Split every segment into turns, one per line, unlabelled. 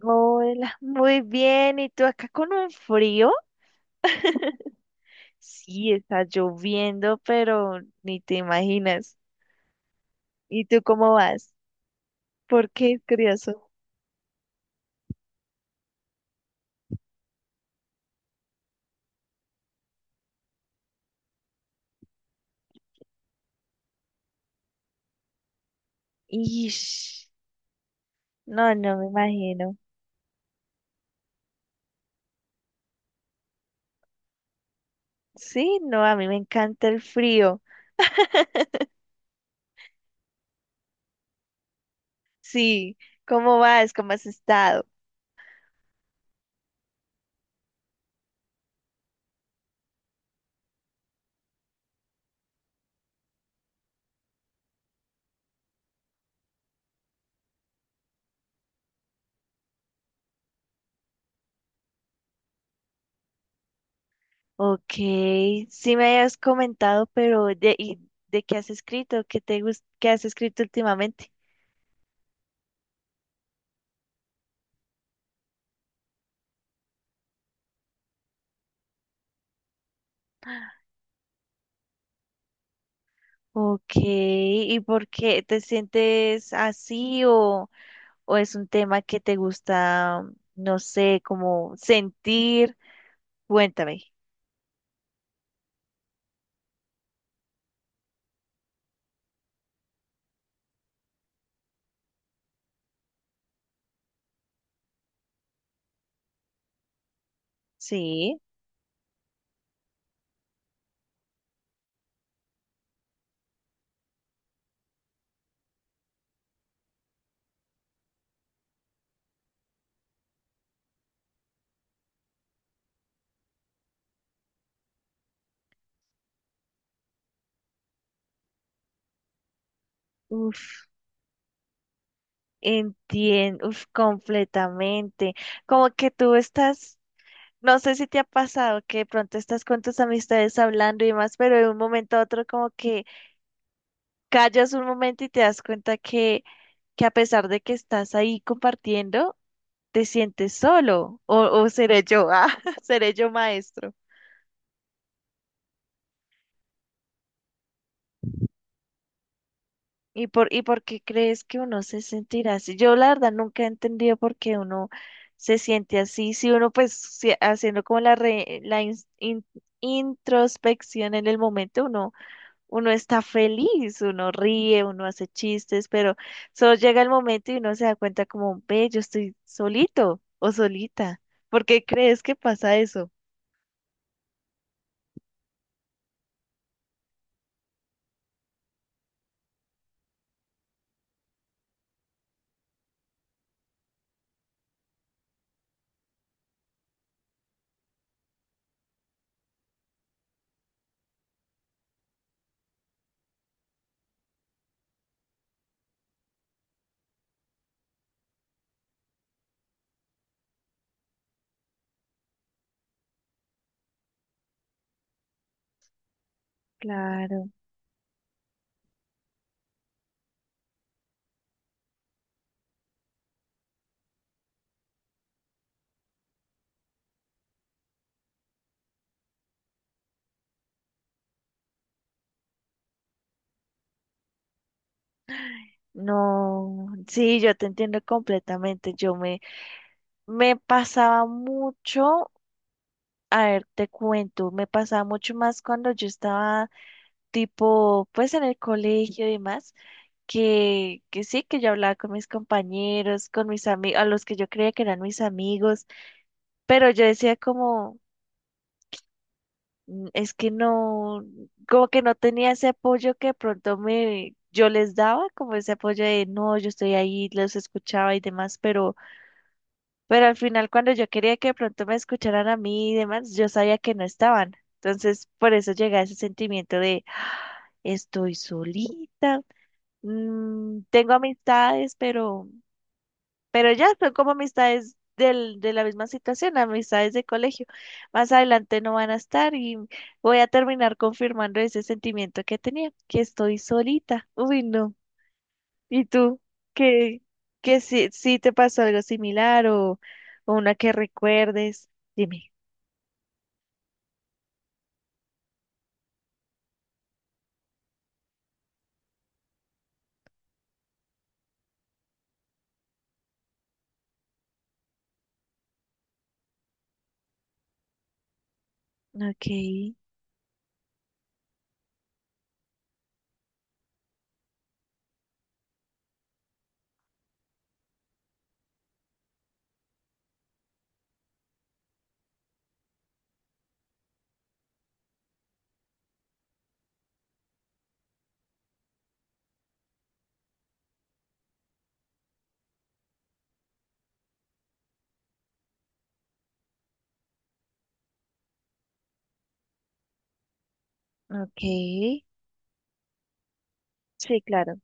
Hola, muy bien. ¿Y tú acá con un frío? Sí, está lloviendo, pero ni te imaginas. ¿Y tú cómo vas? ¿Por qué es curioso? Ish, no, no me imagino. Sí, no, a mí me encanta el frío. Sí, ¿cómo vas? ¿Cómo has estado? Ok, sí me habías comentado, pero ¿de qué has escrito? ¿Qué has escrito últimamente? Ok, ¿y por qué te sientes así o...? ¿O es un tema que te gusta, no sé, como sentir? Cuéntame. Sí. Uf, entiendo, uf, completamente. Como que tú estás, No sé si te ha pasado que de pronto estás con tus amistades hablando y más, pero de un momento a otro como que callas un momento y te das cuenta que a pesar de que estás ahí compartiendo, te sientes solo. O seré yo, ah, seré yo maestro. ¿Y por qué crees que uno se sentirá así? Yo la verdad nunca he entendido por qué uno se siente así. Si uno pues si- Haciendo como la, re- la ins- in- introspección en el momento, uno está feliz, uno ríe, uno hace chistes, pero solo llega el momento y uno se da cuenta como, ve, yo estoy solito o solita. ¿Por qué crees que pasa eso? Claro, no, sí, yo te entiendo completamente. Me pasaba mucho. A ver, te cuento, me pasaba mucho más cuando yo estaba tipo, pues en el colegio y demás, que sí, que yo hablaba con mis compañeros, con mis amigos, a los que yo creía que eran mis amigos, pero yo decía como, "Mm, es que no, como que no tenía ese apoyo que de pronto me, yo les daba, como ese apoyo de, no, yo estoy ahí, los escuchaba y demás, pero al final, cuando yo quería que de pronto me escucharan a mí y demás, yo sabía que no estaban. Entonces, por eso llega ese sentimiento de, "Ah, estoy solita, mm, tengo amistades, pero ya son como amistades de la misma situación, amistades de colegio. Más adelante no van a estar y voy a terminar confirmando ese sentimiento que tenía, que estoy solita. Uy, no. ¿Y tú? ¿Qué, qué si te pasó algo similar o una que recuerdes? Dime. Ok, ok. Sí, claro.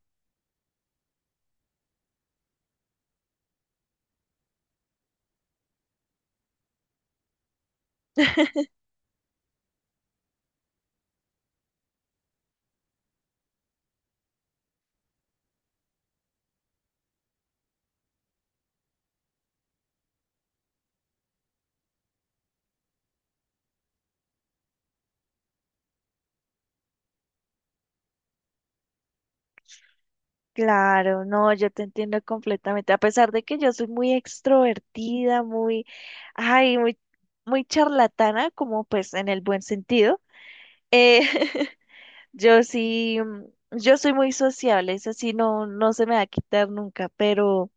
Claro, no, yo te entiendo completamente. A pesar de que yo soy muy extrovertida, muy, ay, muy, muy charlatana, como pues en el buen sentido. Eh, yo sí, mm, yo soy muy sociable, eso sí no, no se me va a quitar nunca, pero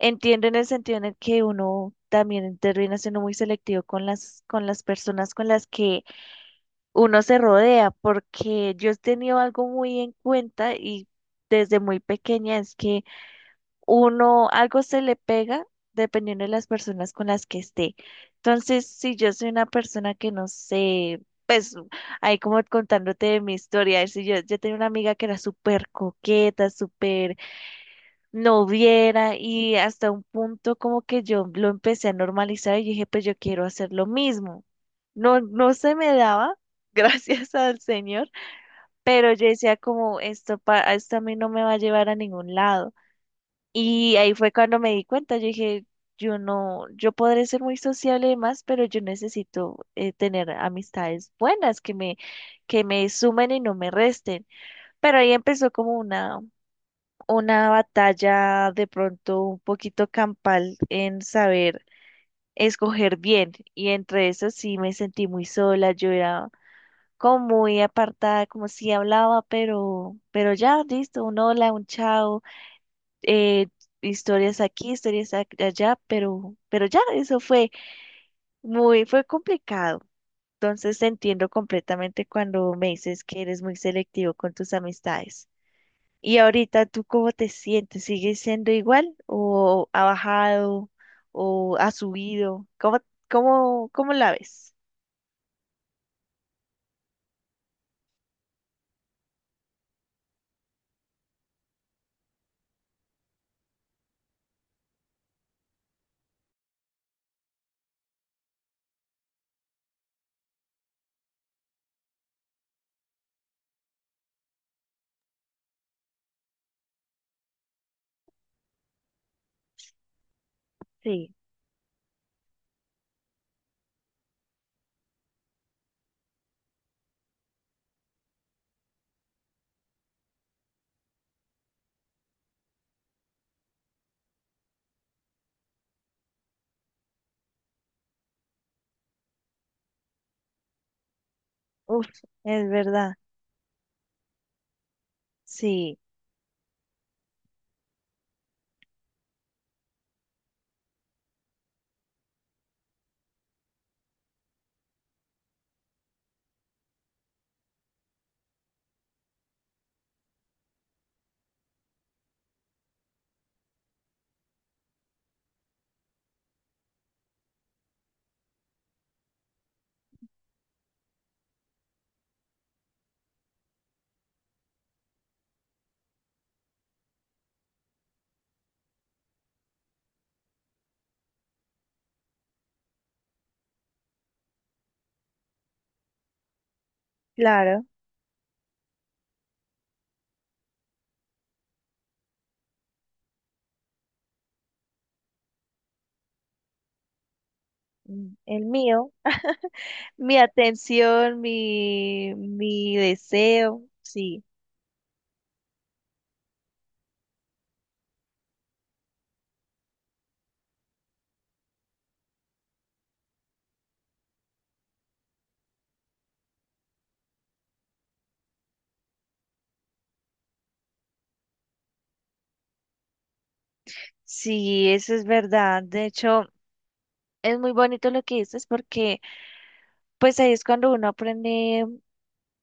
entiendo en el sentido en el que uno también termina siendo muy selectivo con con las personas con las que uno se rodea, porque yo he tenido algo muy en cuenta y desde muy pequeña es que uno algo se le pega dependiendo de las personas con las que esté. Entonces, si yo soy una persona que no sé, pues ahí como contándote de mi historia, si yo tenía una amiga que era súper coqueta, súper no viera y hasta un punto como que yo lo empecé a normalizar y dije, pues yo quiero hacer lo mismo. No, no se me daba, gracias al Señor, pero yo decía como esto a mí no me va a llevar a ningún lado. Y ahí fue cuando me di cuenta, yo dije, yo no, yo podré ser muy sociable y demás, pero yo necesito tener amistades buenas que me sumen y no me resten. Pero ahí empezó como una batalla de pronto un poquito campal en saber escoger bien. Y entre eso sí me sentí muy sola, yo era como muy apartada, como si hablaba, pero ya, listo, un hola, un chao, eh, historias aquí, allá, pero ya, eso fue muy, fue complicado. Entonces te entiendo completamente cuando me dices que eres muy selectivo con tus amistades. Y ahorita, ¿tú cómo te sientes? ¿Sigues siendo igual o ha bajado o ha subido? ¿Cómo, cómo, cómo la ves? Sí, uf, es verdad, sí, claro, mm, el mío, mi atención, mi deseo, sí, sí, eso es verdad. De hecho, es muy bonito lo que dices porque pues ahí es cuando uno aprende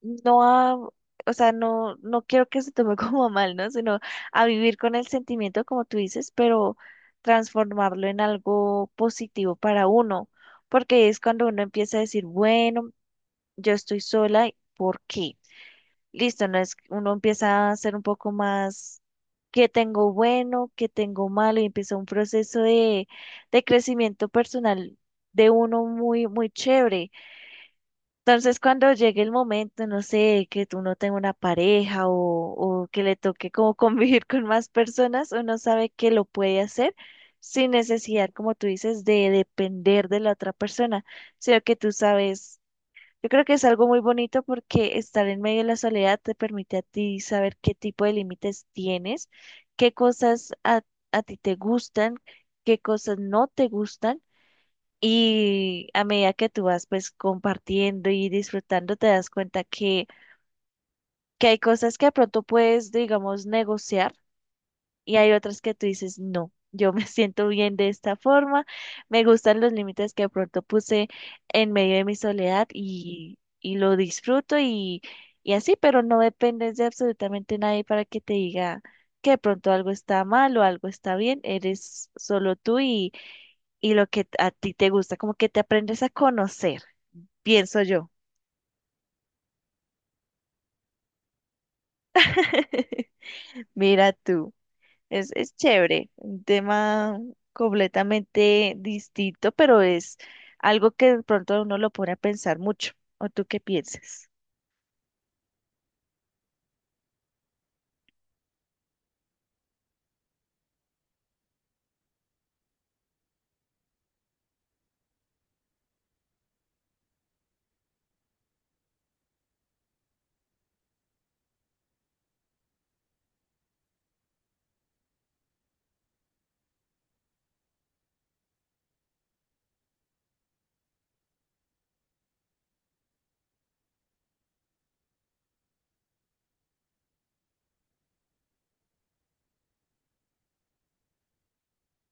no a, o sea, no, no quiero que se tome como a mal, ¿no? Sino a vivir con el sentimiento, como tú dices, pero transformarlo en algo positivo para uno, porque es cuando uno empieza a decir, bueno, yo estoy sola, ¿por qué? Listo, no es, uno empieza a ser un poco más, ¿qué tengo bueno? ¿Qué tengo malo? Y empieza un proceso de crecimiento personal de uno muy, muy chévere entonces, cuando llegue el momento, no sé, que tú no tengas una pareja o que le toque como convivir con más personas, uno sabe que lo puede hacer sin necesidad, como tú dices, de depender de la otra persona, sino que tú sabes, yo creo que es algo muy bonito porque estar en medio de la soledad te permite a ti saber qué tipo de límites tienes, qué cosas a, a ti te gustan, qué cosas no te gustan y a medida que tú vas pues compartiendo y disfrutando, te das cuenta que hay cosas que de pronto puedes, digamos, negociar y hay otras que tú dices, no, yo me siento bien de esta forma, me gustan los límites que de pronto puse en medio de mi soledad y lo disfruto y así, pero no dependes de absolutamente nadie para que te diga que de pronto algo está mal o algo está bien, eres solo tú y lo que a ti te gusta, como que te aprendes a conocer pienso yo. Mira tú, es chévere, un tema completamente distinto, pero es algo que de pronto a uno lo pone a pensar mucho. ¿O tú qué piensas?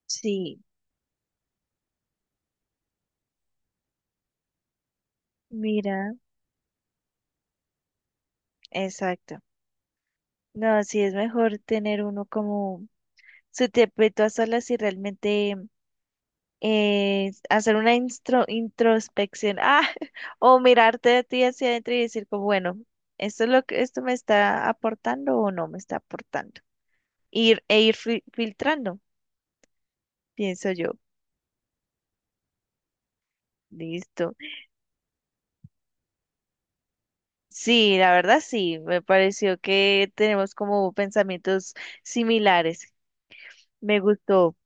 Sí, mira, exacto. No, sí es mejor tener uno como su tiempito a solas y realmente hacer una introspección, ah, o mirarte a ti hacia adentro y decir como, bueno, ¿esto es lo que esto me está aportando o no me está aportando? Ir, e ir filtrando, pienso yo. Listo. Sí, la verdad sí, me pareció que tenemos como pensamientos similares. Me gustó.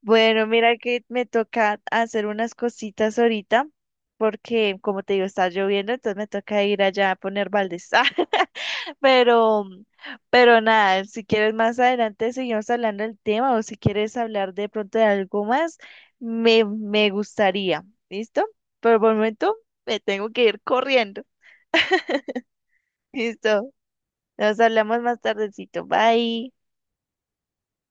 Bueno, mira que me toca hacer unas cositas ahorita, porque como te digo, está lloviendo, entonces me toca ir allá a poner baldes. Pero, pero nada, si quieres más adelante seguimos hablando del tema o si quieres hablar de pronto de algo más, me gustaría. ¿Listo? Pero por el momento me tengo que ir corriendo. ¿Listo? Nos hablamos más tardecito. Bye.